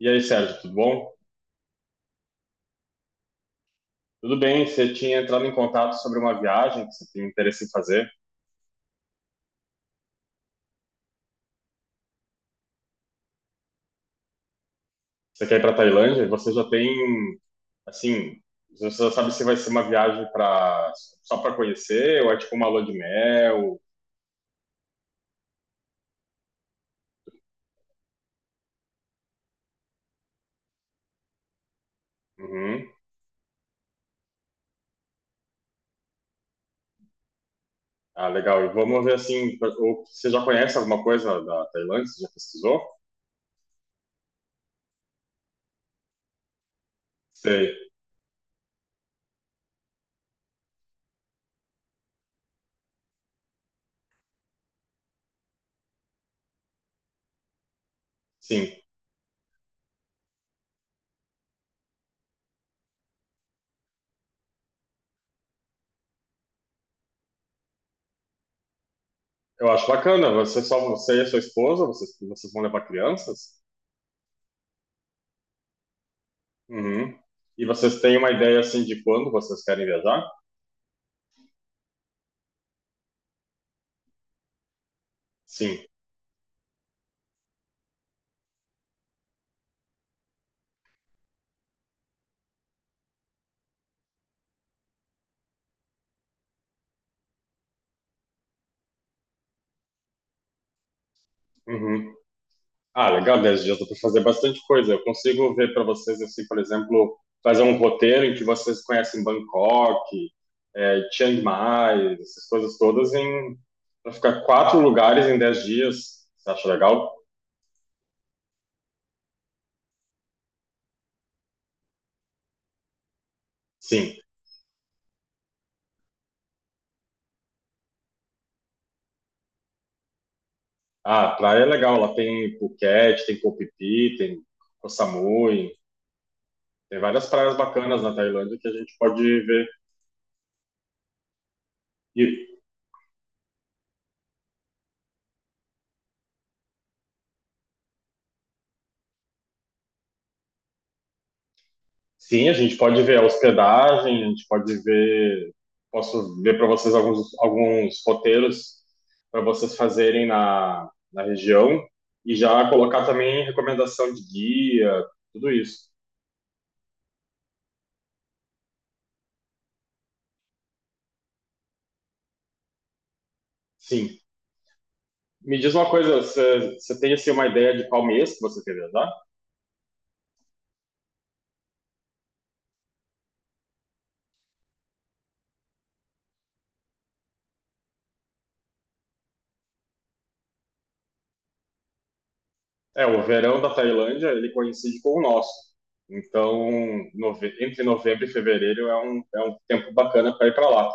E aí, Sérgio, tudo bom? Tudo bem, você tinha entrado em contato sobre uma viagem que você tem interesse em fazer. Você quer ir para Tailândia? Você já tem, assim, você já sabe se vai ser uma viagem para só para conhecer ou é tipo uma lua de mel? Uhum. Ah, legal. E vamos ver assim, ou você já conhece alguma coisa da Tailândia? Você já pesquisou? Sei. Sim. Eu acho bacana. Você só você e a sua esposa, vocês vão levar crianças? Uhum. E vocês têm uma ideia assim de quando vocês querem viajar? Sim. Uhum. Ah, legal, 10 dias dá para fazer bastante coisa. Eu consigo ver para vocês, assim, por exemplo, fazer um roteiro em que vocês conhecem Bangkok, Chiang Mai, essas coisas todas, em para ficar quatro lugares em 10 dias. Você acha legal? Sim. Ah, a praia é legal. Lá tem Phuket, tem Koh Phi Phi, tem Koh Samui. Tem várias praias bacanas na Tailândia que a gente pode ver. Sim, a gente pode ver a hospedagem, a gente pode ver. Posso ver para vocês alguns roteiros para vocês fazerem na região e já colocar também recomendação de guia, tudo isso. Sim. Me diz uma coisa, você tem assim, uma ideia de qual mês que você quer viajar? É, o verão da Tailândia, ele coincide com o nosso. Então, entre novembro e fevereiro é um tempo bacana para ir para lá.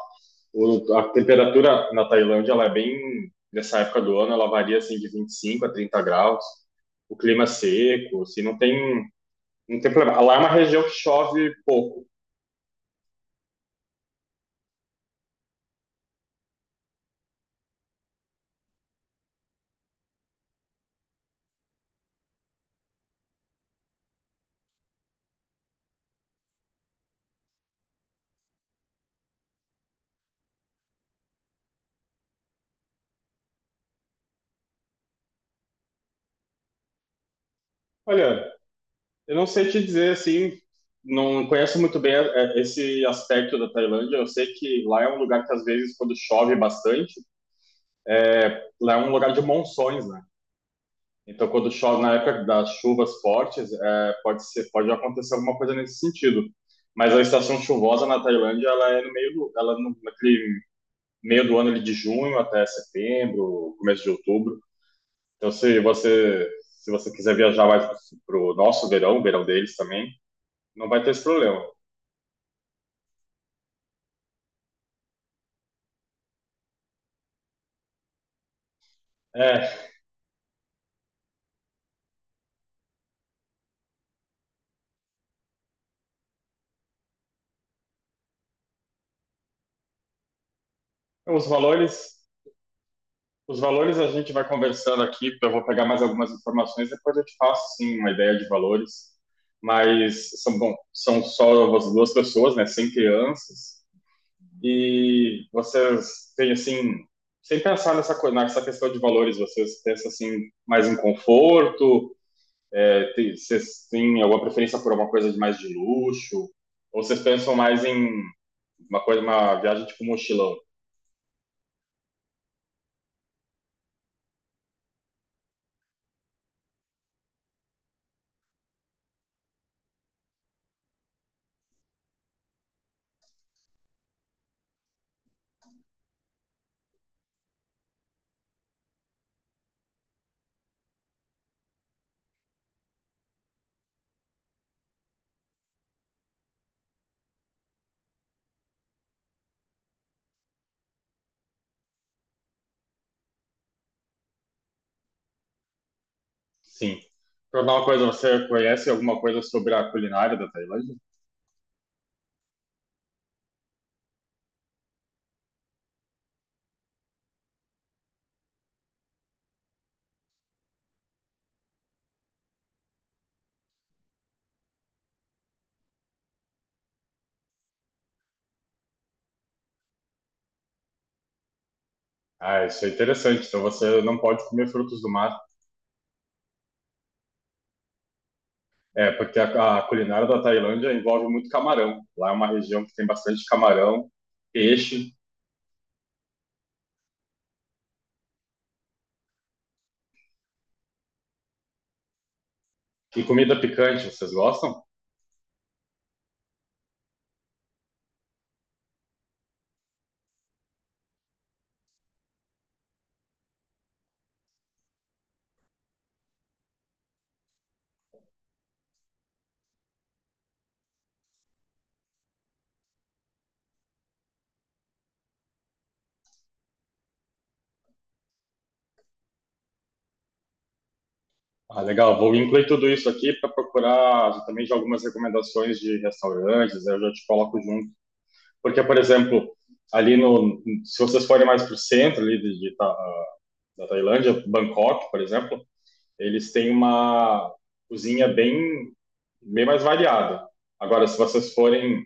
A temperatura na Tailândia, ela é bem, nessa época do ano, ela varia assim de 25 a 30 graus. O clima é seco, assim, não tem problema. Lá é uma região que chove pouco. Olha, eu não sei te dizer assim, não conheço muito bem esse aspecto da Tailândia. Eu sei que lá é um lugar que às vezes quando chove bastante, lá é um lugar de monções, né? Então, quando chove na época das chuvas fortes, pode acontecer alguma coisa nesse sentido. Mas a estação chuvosa na Tailândia, ela é no meio do, ela é no, naquele meio do ano ali de junho até setembro, começo de outubro. Então, se você quiser viajar mais para o nosso verão, o verão deles também, não vai ter esse problema. É, os valores Os valores a gente vai conversando aqui, eu vou pegar mais algumas informações, depois eu te faço sim uma ideia de valores, mas são só as duas pessoas, né, sem crianças, e vocês têm assim, sem pensar nessa coisa, nessa questão de valores, vocês pensam assim mais em conforto. Vocês têm alguma preferência por alguma coisa de mais de luxo, ou vocês pensam mais em uma viagem tipo mochilão? Sim. Perguntar uma coisa, você conhece alguma coisa sobre a culinária da Tailândia? Ah, isso é interessante. Então você não pode comer frutos do mar, é porque a culinária da Tailândia envolve muito camarão. Lá é uma região que tem bastante camarão, peixe e comida picante. Vocês gostam? Ah, legal. Vou incluir tudo isso aqui para procurar também de algumas recomendações de restaurantes. Eu já te coloco junto, porque por exemplo, ali no, se vocês forem mais para o centro ali da Tailândia, Bangkok, por exemplo, eles têm uma cozinha bem mais variada. Agora, se vocês forem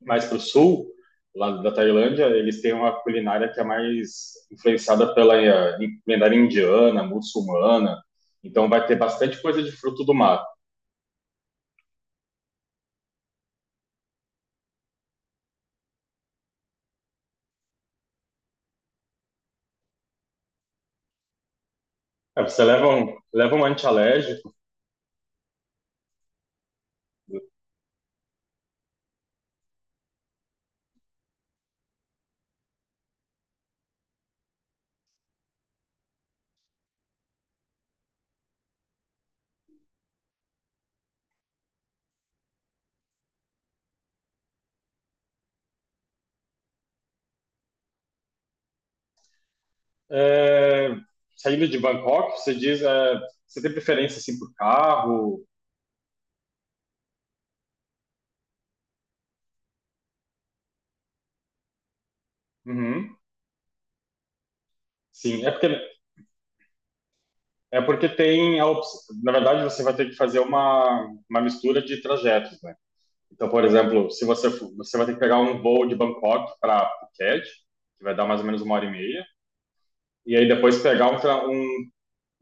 mais para o sul, lá da Tailândia, eles têm uma culinária que é mais influenciada pela culinária indiana, muçulmana. Então, vai ter bastante coisa de fruto do mar. É, você leva um antialérgico. É, saindo de Bangkok, você diz, você tem preferência assim por carro? Uhum. Sim, é porque tem a opção. Na verdade, você vai ter que fazer uma mistura de trajetos, né? Então, por exemplo, se você for- você vai ter que pegar um voo de Bangkok para Phuket, que vai dar mais ou menos uma hora e meia, e aí depois pegar um, tra- um,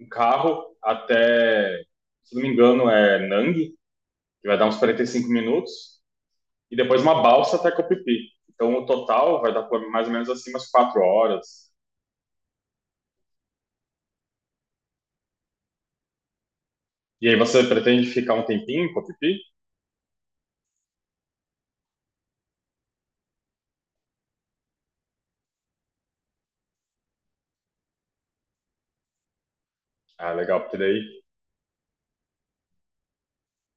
um carro até, se não me engano, é Nang, que vai dar uns 45 minutos, e depois uma balsa até Koh Phi Phi. Então, o total vai dar por mais ou menos assim umas 4 horas. E aí você pretende ficar um tempinho em Koh Phi Phi? Ah, legal, porque daí,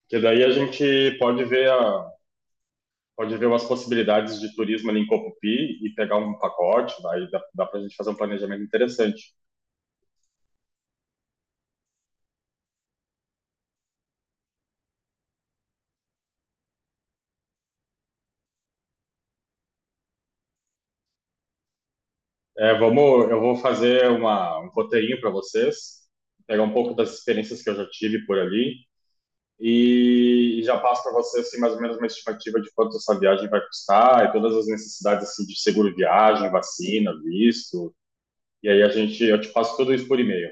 porque daí a gente pode ver umas possibilidades de turismo ali em Copupi e pegar um pacote, aí dá para a gente fazer um planejamento interessante. Eu vou fazer um roteirinho para vocês, pegar um pouco das experiências que eu já tive por ali e já passo para vocês assim, mais ou menos uma estimativa de quanto essa viagem vai custar e todas as necessidades assim, de seguro viagem, vacina, visto. E aí eu te passo tudo isso por e-mail,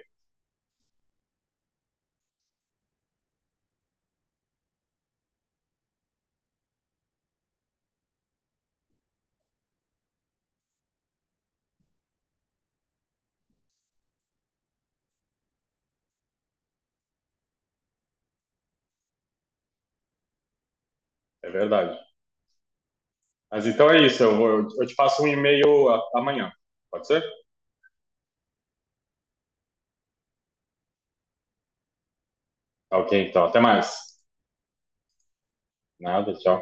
é verdade. Mas então é isso, eu te passo um e-mail amanhã, pode ser? Tá ok, então, até mais. Nada, tchau.